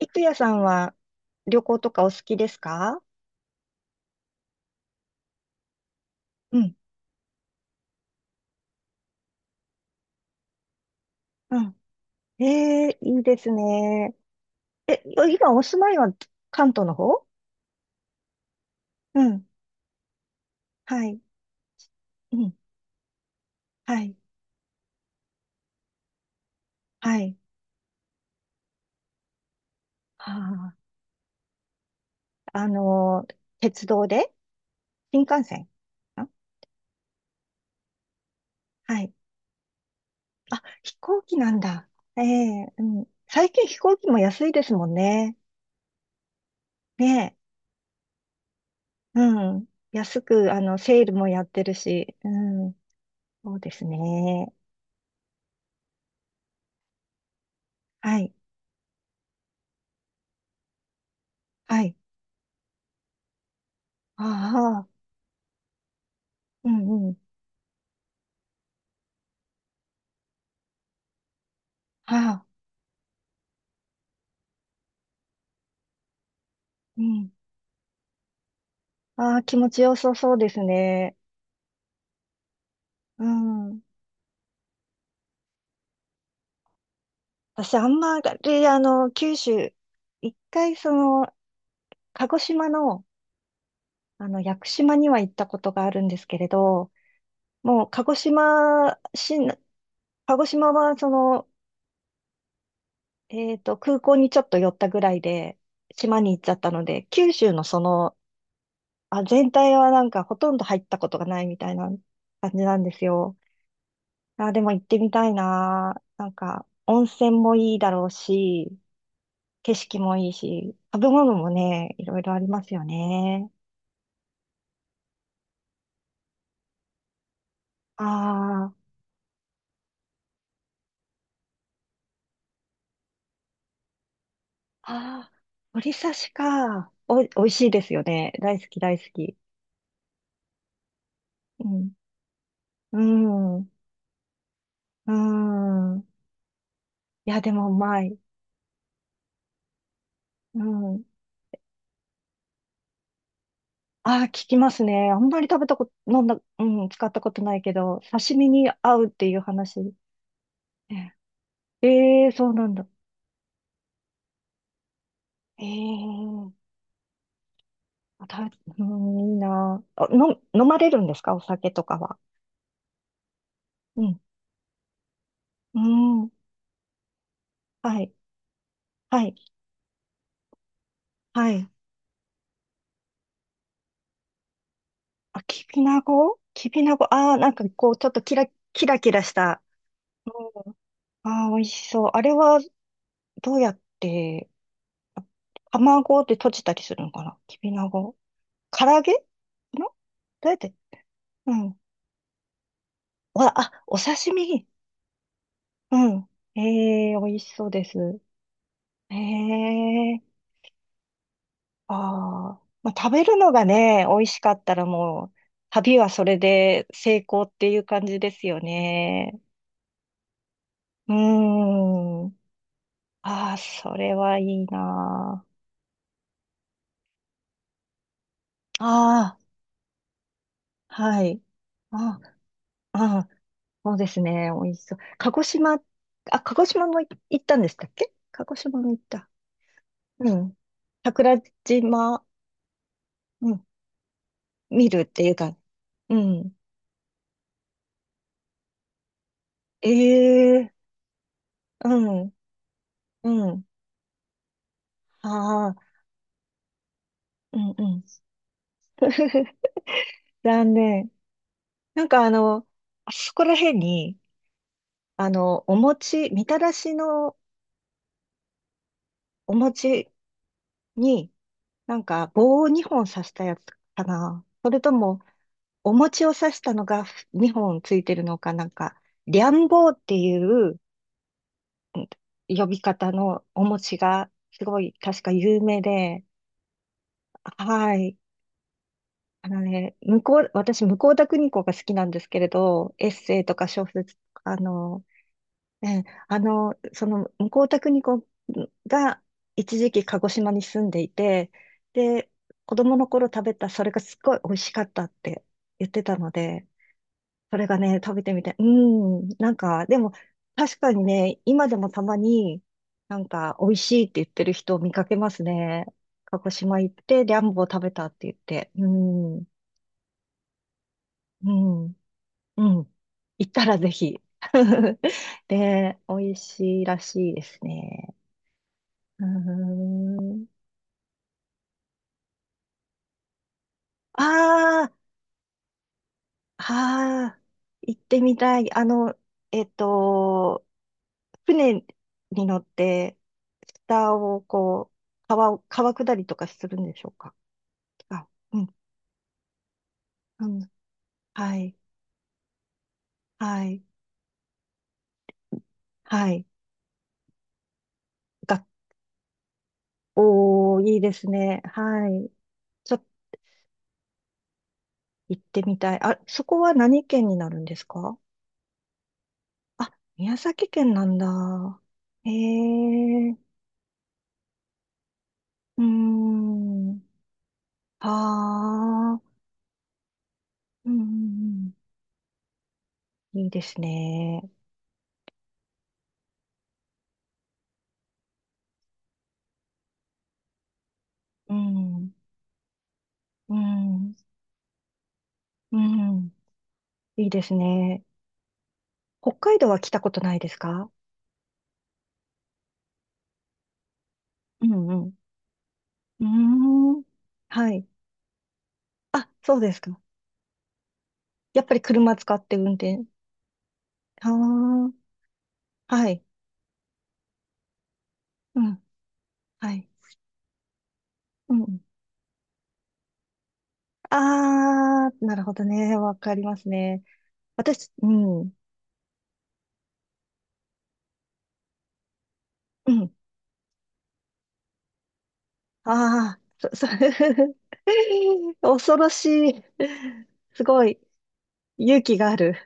いくやさんは旅行とかお好きですか？うん、うん。ええ、いいですね。え、今お住まいは関東の方？うん、はい、うん、はい、はい。はあ、鉄道で新幹線？んはい。あ、飛行機なんだ。ええ、うん。最近飛行機も安いですもんね。ねえ、うん。安く、セールもやってるし、うん。そうですね。はい、はい。ああ。うんうん。ああ、うん。ああ、気持ちよさそうですね。うん。私、あんまり、九州、一回、鹿児島の、屋久島には行ったことがあるんですけれど、もう、鹿児島は、空港にちょっと寄ったぐらいで、島に行っちゃったので、九州の全体はなんか、ほとんど入ったことがないみたいな感じなんですよ。でも行ってみたいな。なんか、温泉もいいだろうし、景色もいいし、食べ物もね、いろいろありますよね。ああ、ああ、鶏刺しか。美味しいですよね。大好き、大好き。うん。うん。うん。いや、でもうまい。うん。ああ、聞きますね。あんまり食べたこと、飲んだ、うん、使ったことないけど、刺身に合うっていう話。ね、ええ、そうなんだ。ええ、うん、いいなあ。飲まれるんですか？お酒とかは。うん。うん。はい。はい。はい。あ、きびなごきびなご。ああ、なんかこう、ちょっとキラキラした。うん。ああ、美味しそう。あれは、どうやって、あ卵で閉じたりするのかな？きびなご。唐揚げの、どうやって、うん。わ、あ、お刺身。うん。ええ、美味しそうです。ええ、ああ、まあ、食べるのがね、美味しかったらもう、旅はそれで成功っていう感じですよね。うーん。ああ、それはいいなあ。ああ、はい。ああ、あ、そうですね。美味しそう。鹿児島、あ、鹿児島も行ったんでしたっけ？鹿児島も行った。うん。桜島、うん、見るっていうか、うん。ええ、うん、うん。ああ、うん、うん。残念。なんかあそこら辺に、お餅、みたらしのお餅に、なんか棒を2本刺したやつかな。それとも、お餅を刺したのが2本ついてるのかなんか、りゃん棒っていううん呼び方のお餅がすごい確か有名で、はい。あのね、向こう、私、向田邦子が好きなんですけれど、エッセイとか小説、あの、向田邦子が一時期鹿児島に住んでいて、で、子供の頃食べた、それがすっごい美味しかったって言ってたので、それがね、食べてみて、うん、なんか、でも、確かにね、今でもたまに、なんか、美味しいって言ってる人を見かけますね。鹿児島行って、リャンボを食べたって言って、うん、うん、うん、行ったらぜひ。で、美味しいらしいですね。うーん。ああ、ああ、行ってみたい。えっと、船に乗って、下をこう、川を、川下りとかするんでしょうか？あ、うん、うん、はい、はい、はい。が、おー、いいですね。はい。ちょっと行ってみたい。あ、そこは何県になるんですか？あ、宮崎県なんだ。へえ、うーん。はあ、うん、うん、うん、いいですね。うん、うん、うん、いいですね。北海道は来たことないですか？うん、うん。うーん、はい。あ、そうですか。やっぱり車使って運転？はあ、はい。うん、はい。うん。あー、なるほどね。わかりますね。私、うん、うん。あー、恐ろしい。すごい。勇気がある。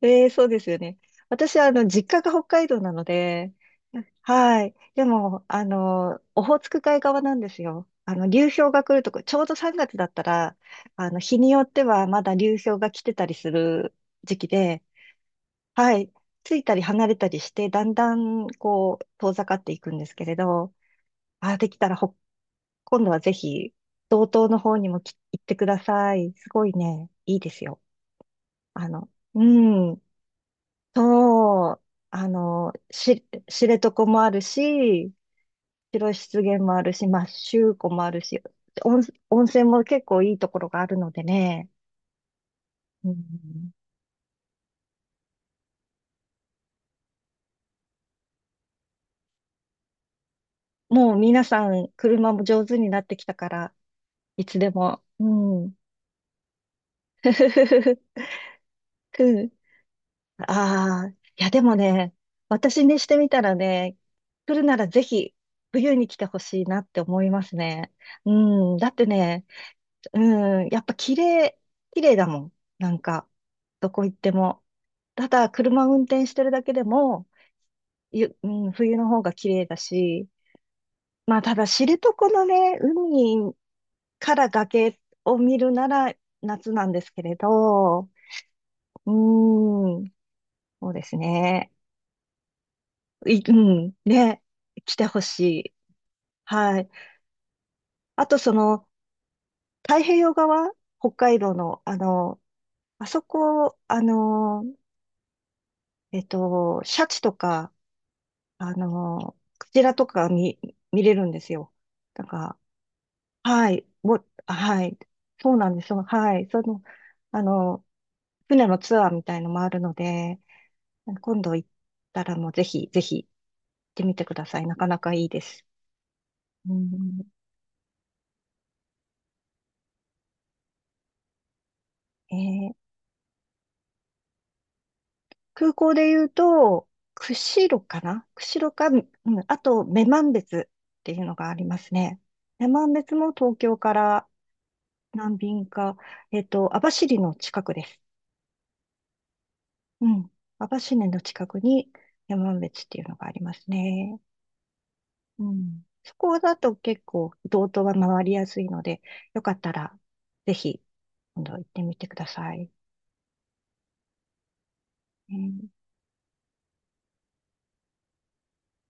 ええ、そうですよね。私は、実家が北海道なので、はい。でも、オホーツク海側なんですよ。流氷が来るとこ、ちょうど3月だったら、日によってはまだ流氷が来てたりする時期で、はい。ついたり離れたりして、だんだん、こう、遠ざかっていくんですけれど、あ、できたら今度はぜひ、道東の方にも行ってください。すごいね、いいですよ。あの、うん。そう、知床もあるし、白湿原もあるし、まあ、周湖もあるし、温、温泉も結構いいところがあるのでね、うん、もう皆さん車も上手になってきたから、いつでも。うん。うん。ああ、いやでもね、私にしてみたらね、来るならぜひ冬に来てほしいなって思いますね。うん。だってね、うん、やっぱ綺麗だもん。なんか、どこ行っても。ただ、車運転してるだけでも、うん、冬の方が綺麗だし、まあ、ただ、知床のね、海から崖を見るなら夏なんですけれど、うん、そうですね。うん、ね、来てほしい。はい。あと、太平洋側、北海道の、あそこ、シャチとか、クジラとか見れるんですよ。だから、はい、もう、はい、そうなんですよ。はい、あの、船のツアーみたいのもあるので、今度行ったらもうぜひ、ぜひ行ってみてください。なかなかいいです。うん、えー空港で言うと、釧路かな、釧路か、うん、あと、女満別っていうのがありますね。女満別も東京から何便か、網走の近くです。うん。網走の近くに山別っていうのがありますね。うん。そこだと結構、道東は回りやすいので、よかったら、ぜひ、今度行ってみてください。ね